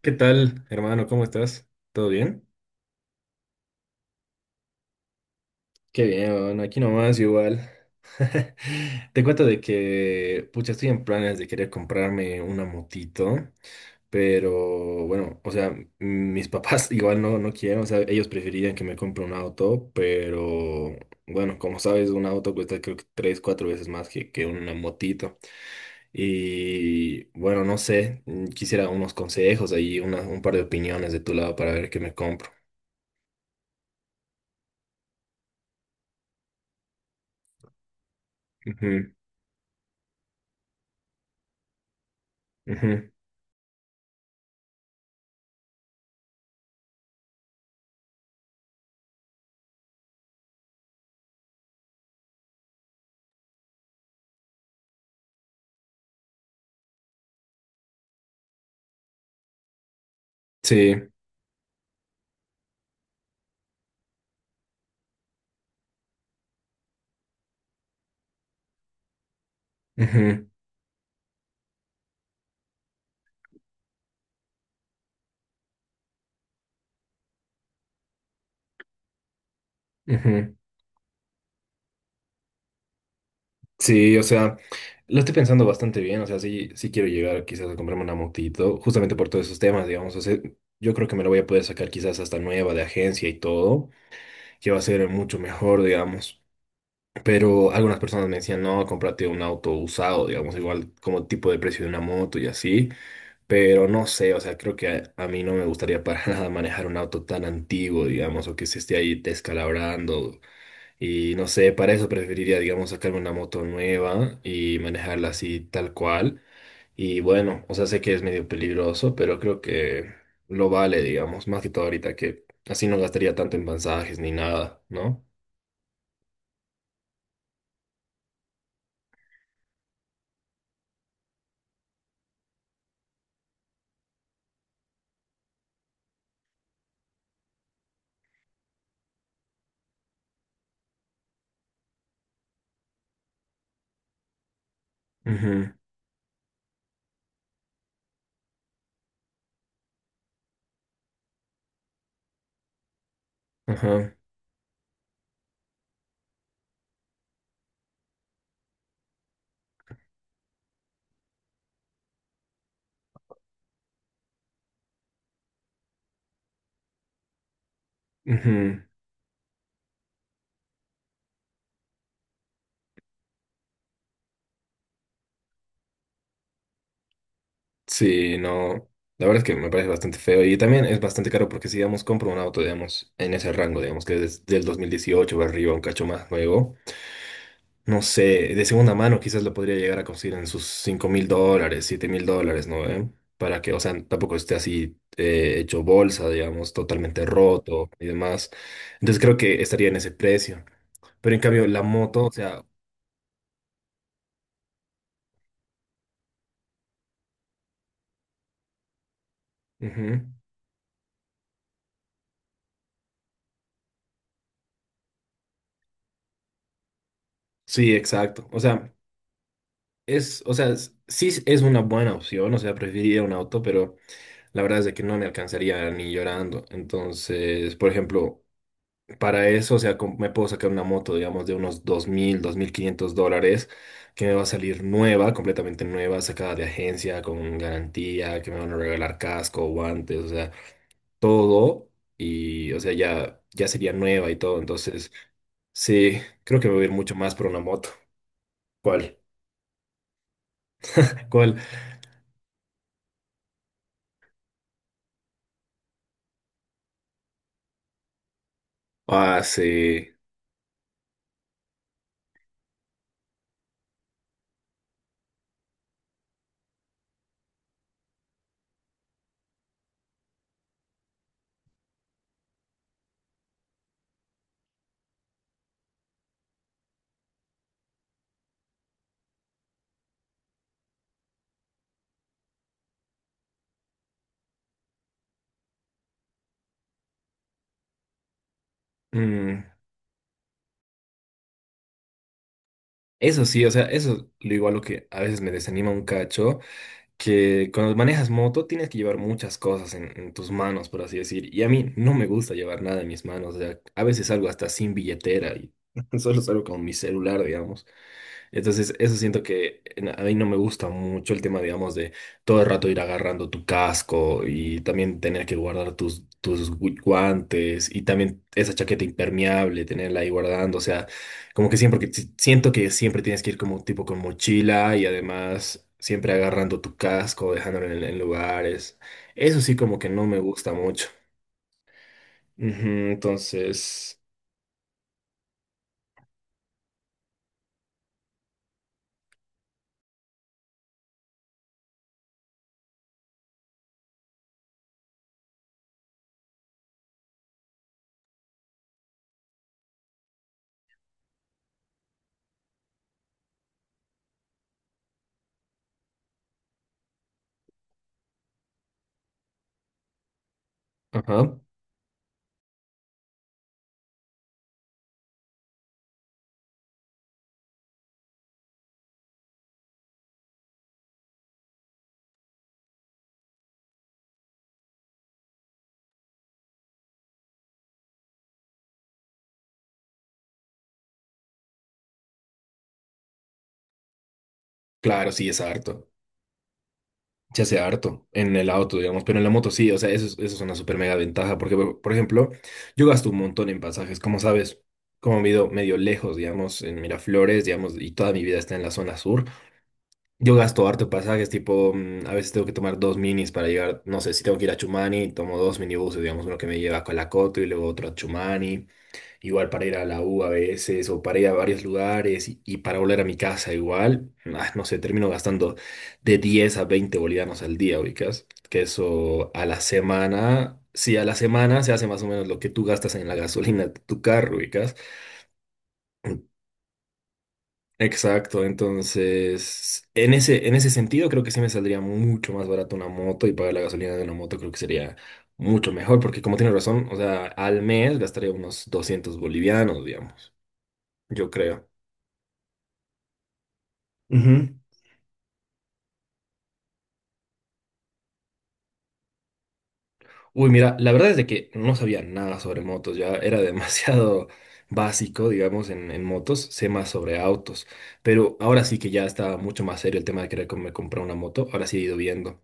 ¿Qué tal, hermano? ¿Cómo estás? ¿Todo bien? Qué bien, bueno, aquí nomás igual. Te cuento de que, pucha, estoy en planes de querer comprarme una motito, pero bueno, o sea, mis papás igual no quieren, o sea, ellos preferirían que me compre un auto, pero bueno, como sabes, un auto cuesta creo que tres, cuatro veces más que una motito. Y bueno, no sé, quisiera unos consejos ahí, un par de opiniones de tu lado para ver qué me compro. Ujú, sí, ujú, ujú. Sí, o sea, lo estoy pensando bastante bien, o sea, sí quiero llegar quizás a comprarme una motito, justamente por todos esos temas, digamos, o sea, yo creo que me la voy a poder sacar quizás hasta nueva de agencia y todo, que va a ser mucho mejor, digamos, pero algunas personas me decían, no, cómprate un auto usado, digamos, igual como tipo de precio de una moto y así, pero no sé, o sea, creo que a mí no me gustaría para nada manejar un auto tan antiguo, digamos, o que se esté ahí descalabrando. Y no sé, para eso preferiría, digamos, sacarme una moto nueva y manejarla así tal cual. Y bueno, o sea, sé que es medio peligroso, pero creo que lo vale, digamos, más que todo ahorita, que así no gastaría tanto en pasajes ni nada, ¿no? Ujú, ajá, ujú. Sí, no. La verdad es que me parece bastante feo y también es bastante caro porque si, digamos, compro un auto, digamos, en ese rango, digamos, que es del 2018 o arriba, un cacho más nuevo, no sé, de segunda mano quizás lo podría llegar a conseguir en sus $5.000, $7.000, ¿no? ¿Eh? Para que, o sea, tampoco esté así hecho bolsa, digamos, totalmente roto y demás. Entonces creo que estaría en ese precio. Pero en cambio, la moto, o sea, ujú, sí, exacto. O sea, o sea, sí es una buena opción, o sea, preferiría un auto, pero la verdad es de que no me alcanzaría ni llorando. Entonces, por ejemplo, para eso, o sea, me puedo sacar una moto, digamos, de unos dos mil quinientos dólares, que me va a salir nueva, completamente nueva, sacada de agencia, con garantía, que me van a regalar casco, guantes, o sea, todo. Y, o sea, ya sería nueva y todo. Entonces, sí, creo que me voy a ir mucho más por una moto. ¿Cuál? ¿Cuál? Ah, sí. Mm, Eso sí, o sea, eso es lo igual lo que a veces me desanima un cacho que cuando manejas moto tienes que llevar muchas cosas en tus manos, por así decir. Y a mí no me gusta llevar nada en mis manos. O sea, a veces salgo hasta sin billetera y solo salgo con mi celular, digamos. Entonces, eso siento que a mí no me gusta mucho el tema, digamos, de todo el rato ir agarrando tu casco y también tener que guardar tus guantes y también esa chaqueta impermeable, tenerla ahí guardando. O sea, como que siempre, que siento que siempre tienes que ir como tipo con mochila y además siempre agarrando tu casco, dejándolo en lugares. Eso sí como que no me gusta mucho. Ujú, entonces, ajá, claro, sí, es harto. Se hace harto en el auto, digamos, pero en la moto sí, o sea, eso es una súper mega ventaja, porque, por ejemplo, yo gasto un montón en pasajes, como sabes, como vivo medio lejos, digamos, en Miraflores, digamos, y toda mi vida está en la zona sur, yo gasto harto en pasajes, tipo, a veces tengo que tomar dos minis para llegar, no sé, si tengo que ir a Chumani, tomo dos minibuses, digamos, uno que me lleva a Colacoto y luego otro a Chumani. Igual para ir a la U a veces o para ir a varios lugares y, para volver a mi casa igual, ah, no sé, termino gastando de 10 a 20 bolivianos al día, ubicas, que eso a la semana, si a la semana se hace más o menos lo que tú gastas en la gasolina de tu carro, ubicas. Exacto, entonces en ese sentido creo que sí me saldría mucho más barato una moto y pagar la gasolina de una moto creo que sería mucho mejor, porque como tienes razón, o sea, al mes gastaría unos 200 bolivianos, digamos, yo creo. Ujú. Uy, mira, la verdad es de que no sabía nada sobre motos, ya era demasiado básico, digamos, en motos, sé más sobre autos, pero ahora sí que ya está mucho más serio el tema de querer comprar una moto, ahora sí he ido viendo.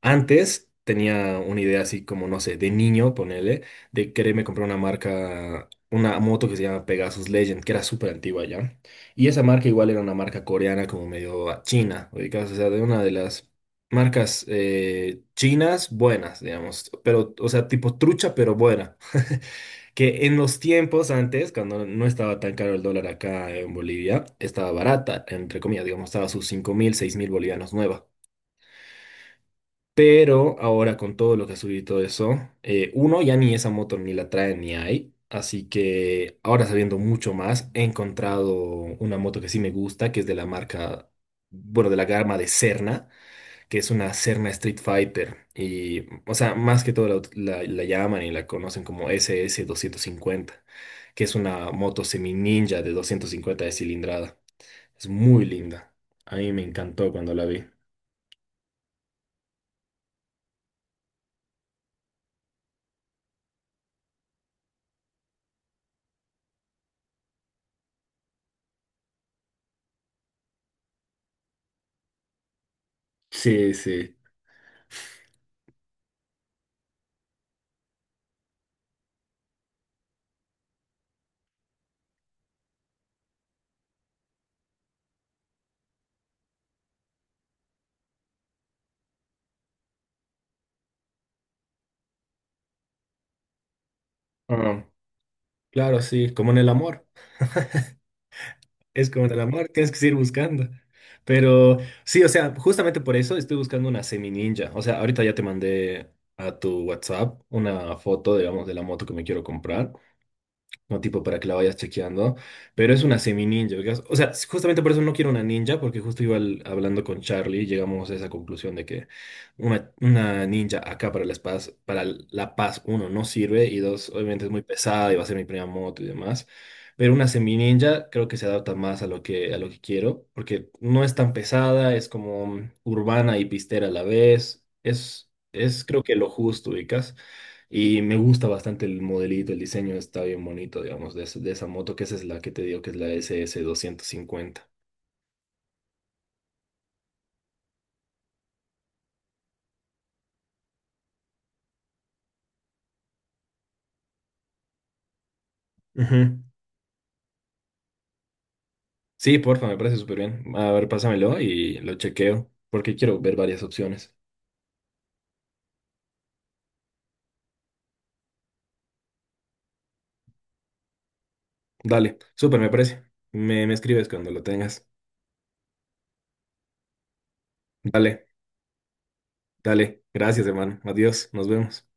Antes tenía una idea así como, no sé, de niño, ponele, de quererme comprar una marca, una moto que se llama Pegasus Legend, que era súper antigua ya. Y esa marca igual era una marca coreana como medio china, ubicás, o sea, de una de las marcas chinas buenas, digamos, pero, o sea, tipo trucha, pero buena. Que en los tiempos antes, cuando no estaba tan caro el dólar acá en Bolivia, estaba barata, entre comillas, digamos, estaba a sus 5.000, 6.000 bolivianos nuevas. Pero ahora con todo lo que ha subido y todo eso, uno ya ni esa moto ni la trae ni hay. Así que ahora sabiendo mucho más, he encontrado una moto que sí me gusta, que es de la marca, bueno, de la gama de Serna, que es una Serna Street Fighter. Y, o sea, más que todo la llaman y la conocen como SS 50, que es una moto semi ninja de 250 de cilindrada. Es muy linda. A mí me encantó cuando la vi. Sí, sí. Claro, sí, como en el amor. Es como en el amor, tienes que seguir buscando. Pero sí, o sea, justamente por eso estoy buscando una semi ninja. O sea, ahorita ya te mandé a tu WhatsApp una foto, digamos, de la moto que me quiero comprar, no tipo para que la vayas chequeando, pero es una semi ninja, ¿ubicas? O sea, justamente por eso no quiero una ninja, porque justo iba hablando con Charlie y llegamos a esa conclusión de que una ninja acá para La Paz, para La Paz, uno, no sirve y dos, obviamente es muy pesada y va a ser mi primera moto y demás. Pero una semi ninja creo que se adapta más a lo que quiero, porque no es tan pesada, es como urbana y pistera a la vez. Es creo que lo justo, ubicas. Y me gusta bastante el modelito, el diseño está bien bonito, digamos, de, de esa moto, que esa es la que te digo, que es la S SS250. Ujú. Sí, porfa, me parece súper bien. A ver, pásamelo y lo chequeo, porque quiero ver varias opciones. Dale, súper, me parece. Me escribes cuando lo tengas. Dale, dale. Gracias, hermano. Adiós, nos vemos.